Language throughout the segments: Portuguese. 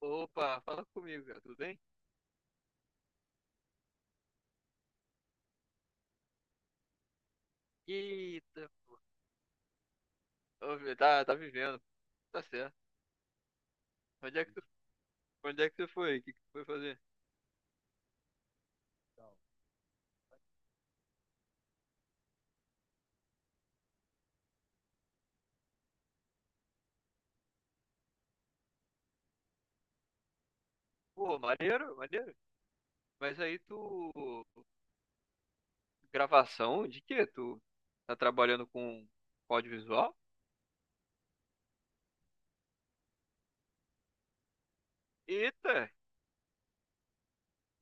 Opa, fala comigo, cara, tudo bem? Eita, pô. Ô, velho, tá vivendo, tá certo. Onde é que tu, onde é que você foi? O que que tu foi fazer? Pô, maneiro, maneiro. Mas aí tu... Gravação de quê? Tu tá trabalhando com audiovisual? Eita,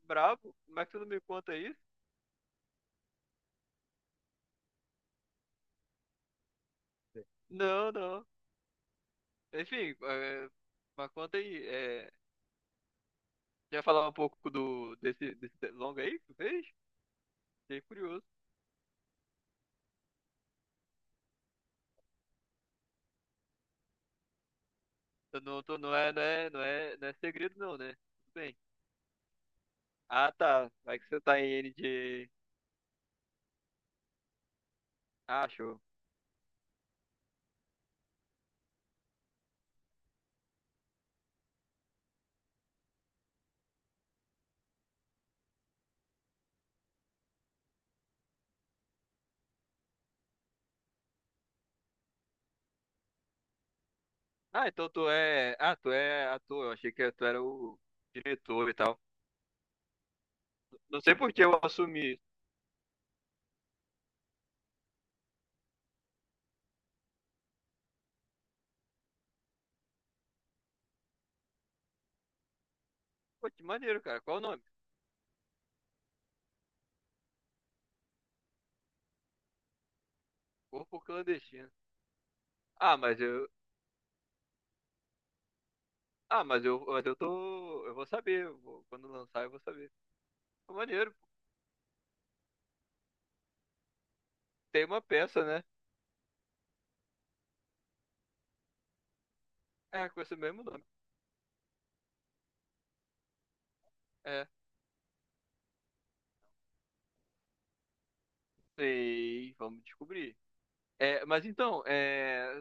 brabo. Como é que tu não me conta isso? Não, não. Enfim, é, mas conta aí. É, quer falar um pouco desse longa aí que tu fez? Fiquei curioso. Eu Não, não é segredo não, né? Tudo bem. Ah, tá. Vai que você tá em N de. Ah, show. Ah, então tu é. Ah, tu é ator. Eu achei que tu era o diretor e tal. Não sei por que eu assumi isso. Pô, que maneiro, cara. Qual o nome? Corpo Clandestino. Ah, mas eu. Ah, mas eu tô. Eu vou saber. Quando lançar, eu vou saber. Pô, maneiro. Tem uma peça, né? É, com esse mesmo nome. É. Sei. Vamos descobrir. É, mas então, é.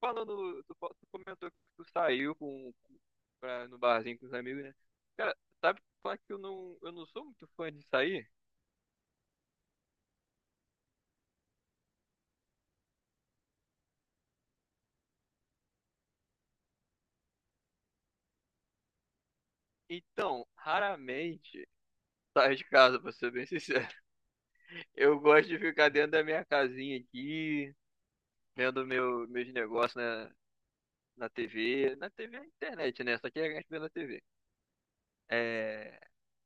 Falando. Tu comentou que tu saiu com pra, no barzinho com os amigos, né? Cara, sabe falar que eu não sou muito fã de sair? Então, raramente saio de casa, pra ser bem sincero. Eu gosto de ficar dentro da minha casinha aqui, vendo meus negócios na, TV. Na TV é internet, né? Só que a gente vê na TV. É,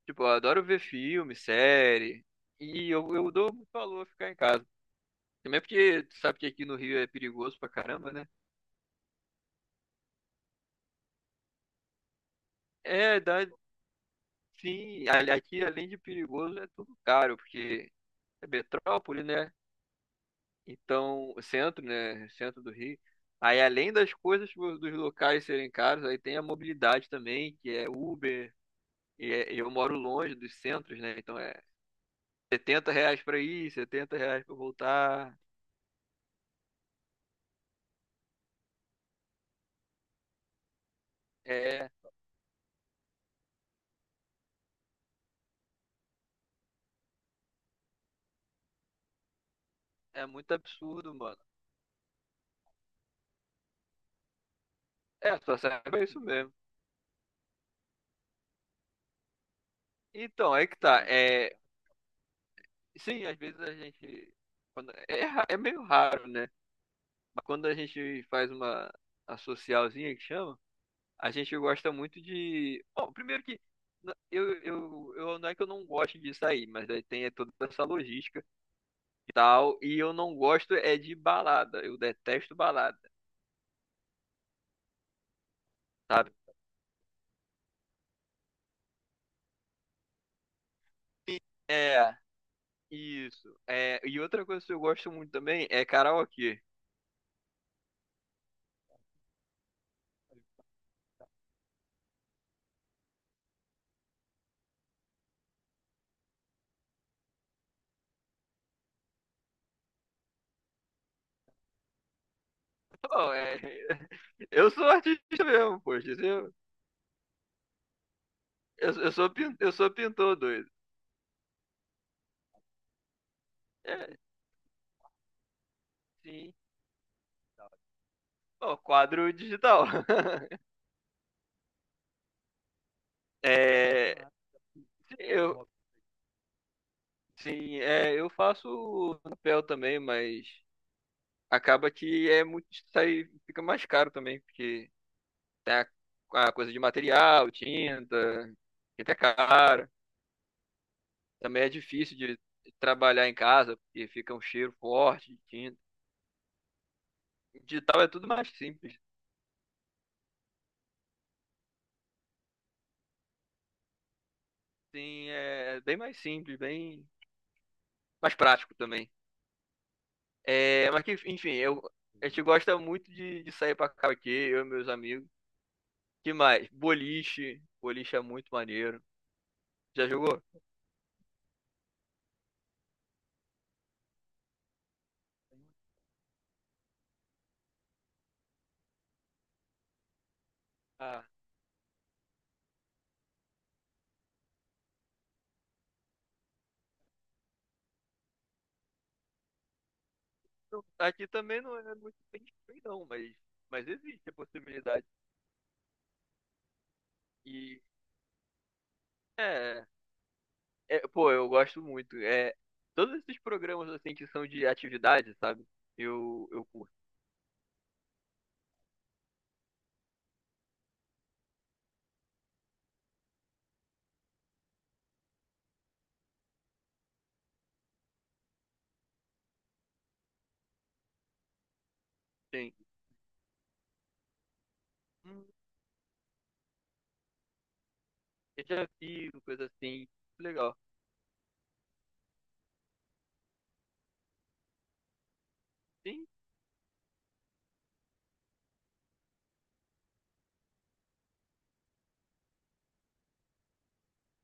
tipo, eu adoro ver filme, série. E eu dou muito valor a ficar em casa. Também porque tu sabe que aqui no Rio é perigoso pra caramba, né? É, dá, sim, aqui além de perigoso é tudo caro, porque é metrópole, né? Então, o centro, né? Centro do Rio. Aí além das coisas dos locais serem caros, aí tem a mobilidade também, que é Uber, e eu moro longe dos centros, né? Então é 70 reais pra ir, 70 reais pra voltar. É, é muito absurdo, mano. É, só serve pra isso mesmo. Então, aí que tá. É, sim, às vezes a gente. É meio raro, né? Mas quando a gente faz uma a socialzinha que chama, a gente gosta muito de. Bom, primeiro que eu não é que eu não gosto de sair, mas aí tem é toda essa logística e tal. E eu não gosto é de balada. Eu detesto balada, sabe? É, isso. É, e outra coisa que eu gosto muito também é karaokê. Bom, é, eu sou artista mesmo, poxa. Eu sou pintor doido. É, sim. Ó, quadro digital. É, eu, sim, é, eu faço papel também, mas acaba que é fica mais caro também, porque tem a coisa de material, tinta, que é cara. Também é difícil de trabalhar em casa, porque fica um cheiro forte de tinta. Digital é tudo mais simples. Sim, é bem mais simples, bem mais prático também. É, mas que, enfim, a gente gosta muito de sair pra cá aqui, eu e meus amigos. Que mais? Boliche. Boliche é muito maneiro. Já jogou? Ah, não, aqui também não é muito bem feito, não, mas existe a possibilidade. E é, pô, eu gosto muito. É, todos esses programas assim que são de atividade, sabe? Eu curto. Tem hum, eu já vi coisa assim, legal. Sim,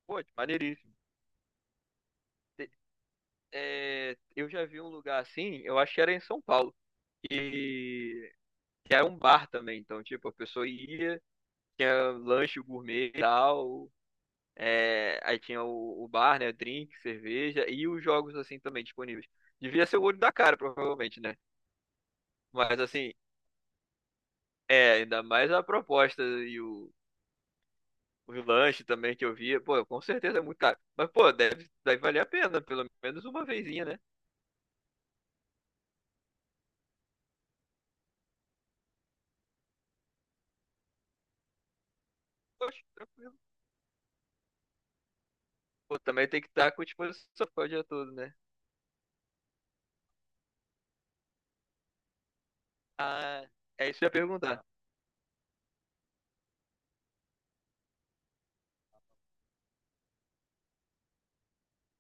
pô, maneiríssimo. Te- É, eu já vi um lugar assim, eu acho que era em São Paulo. E que era um bar também. Então, tipo, a pessoa ia. Tinha lanche gourmet e tal. É, aí tinha o bar, né? Drink, cerveja e os jogos assim também disponíveis. Devia ser o olho da cara, provavelmente, né? Mas assim, é, ainda mais a proposta e o lanche também que eu via. Pô, com certeza é muito caro. Mas, pô, deve valer a pena, pelo menos uma vezinha, né? Poxa, tranquilo. Pô, também tem que estar com disposição pra o dia todo, né? Ah, é isso que eu ia perguntar,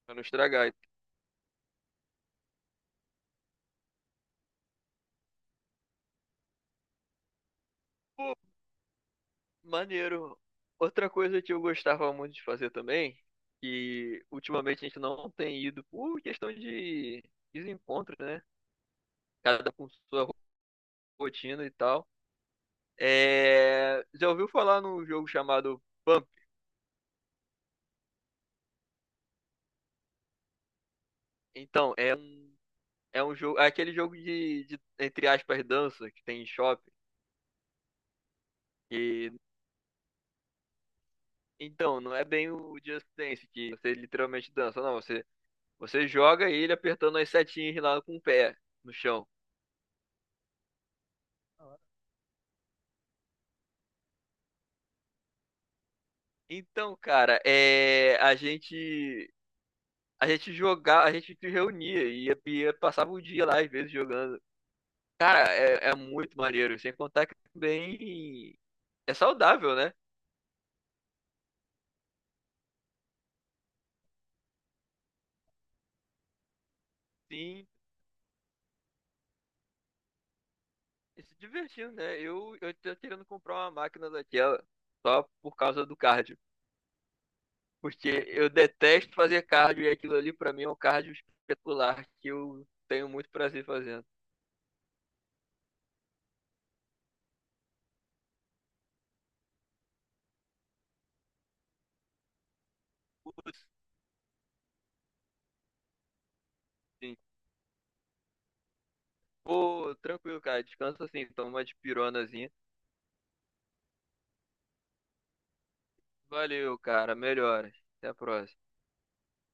pra não estragar. Pô, maneiro. Outra coisa que eu gostava muito de fazer também, que ultimamente a gente não tem ido por questão de desencontro, né? Cada um com sua rotina e tal. É... Já ouviu falar num jogo chamado Pump? Então, é um jogo, é aquele jogo de, entre aspas, dança que tem em shopping. E, então, não é bem o Just Dance, que você literalmente dança, não. Você joga ele apertando as setinhas lá com o pé no chão. Então, cara, é, a gente jogava, a gente se reunia e passava o dia lá às vezes jogando. Cara, é muito maneiro, sem contar que também é saudável, né? Sim, e se divertindo, né? Eu tô querendo comprar uma máquina daquela só por causa do cardio, porque eu detesto fazer cardio e aquilo ali pra mim é um cardio espetacular que eu tenho muito prazer fazendo. Putz, sim. Pô, tranquilo, cara, descansa assim, toma uma dipironazinha. Valeu, cara. Melhoras. Até a próxima.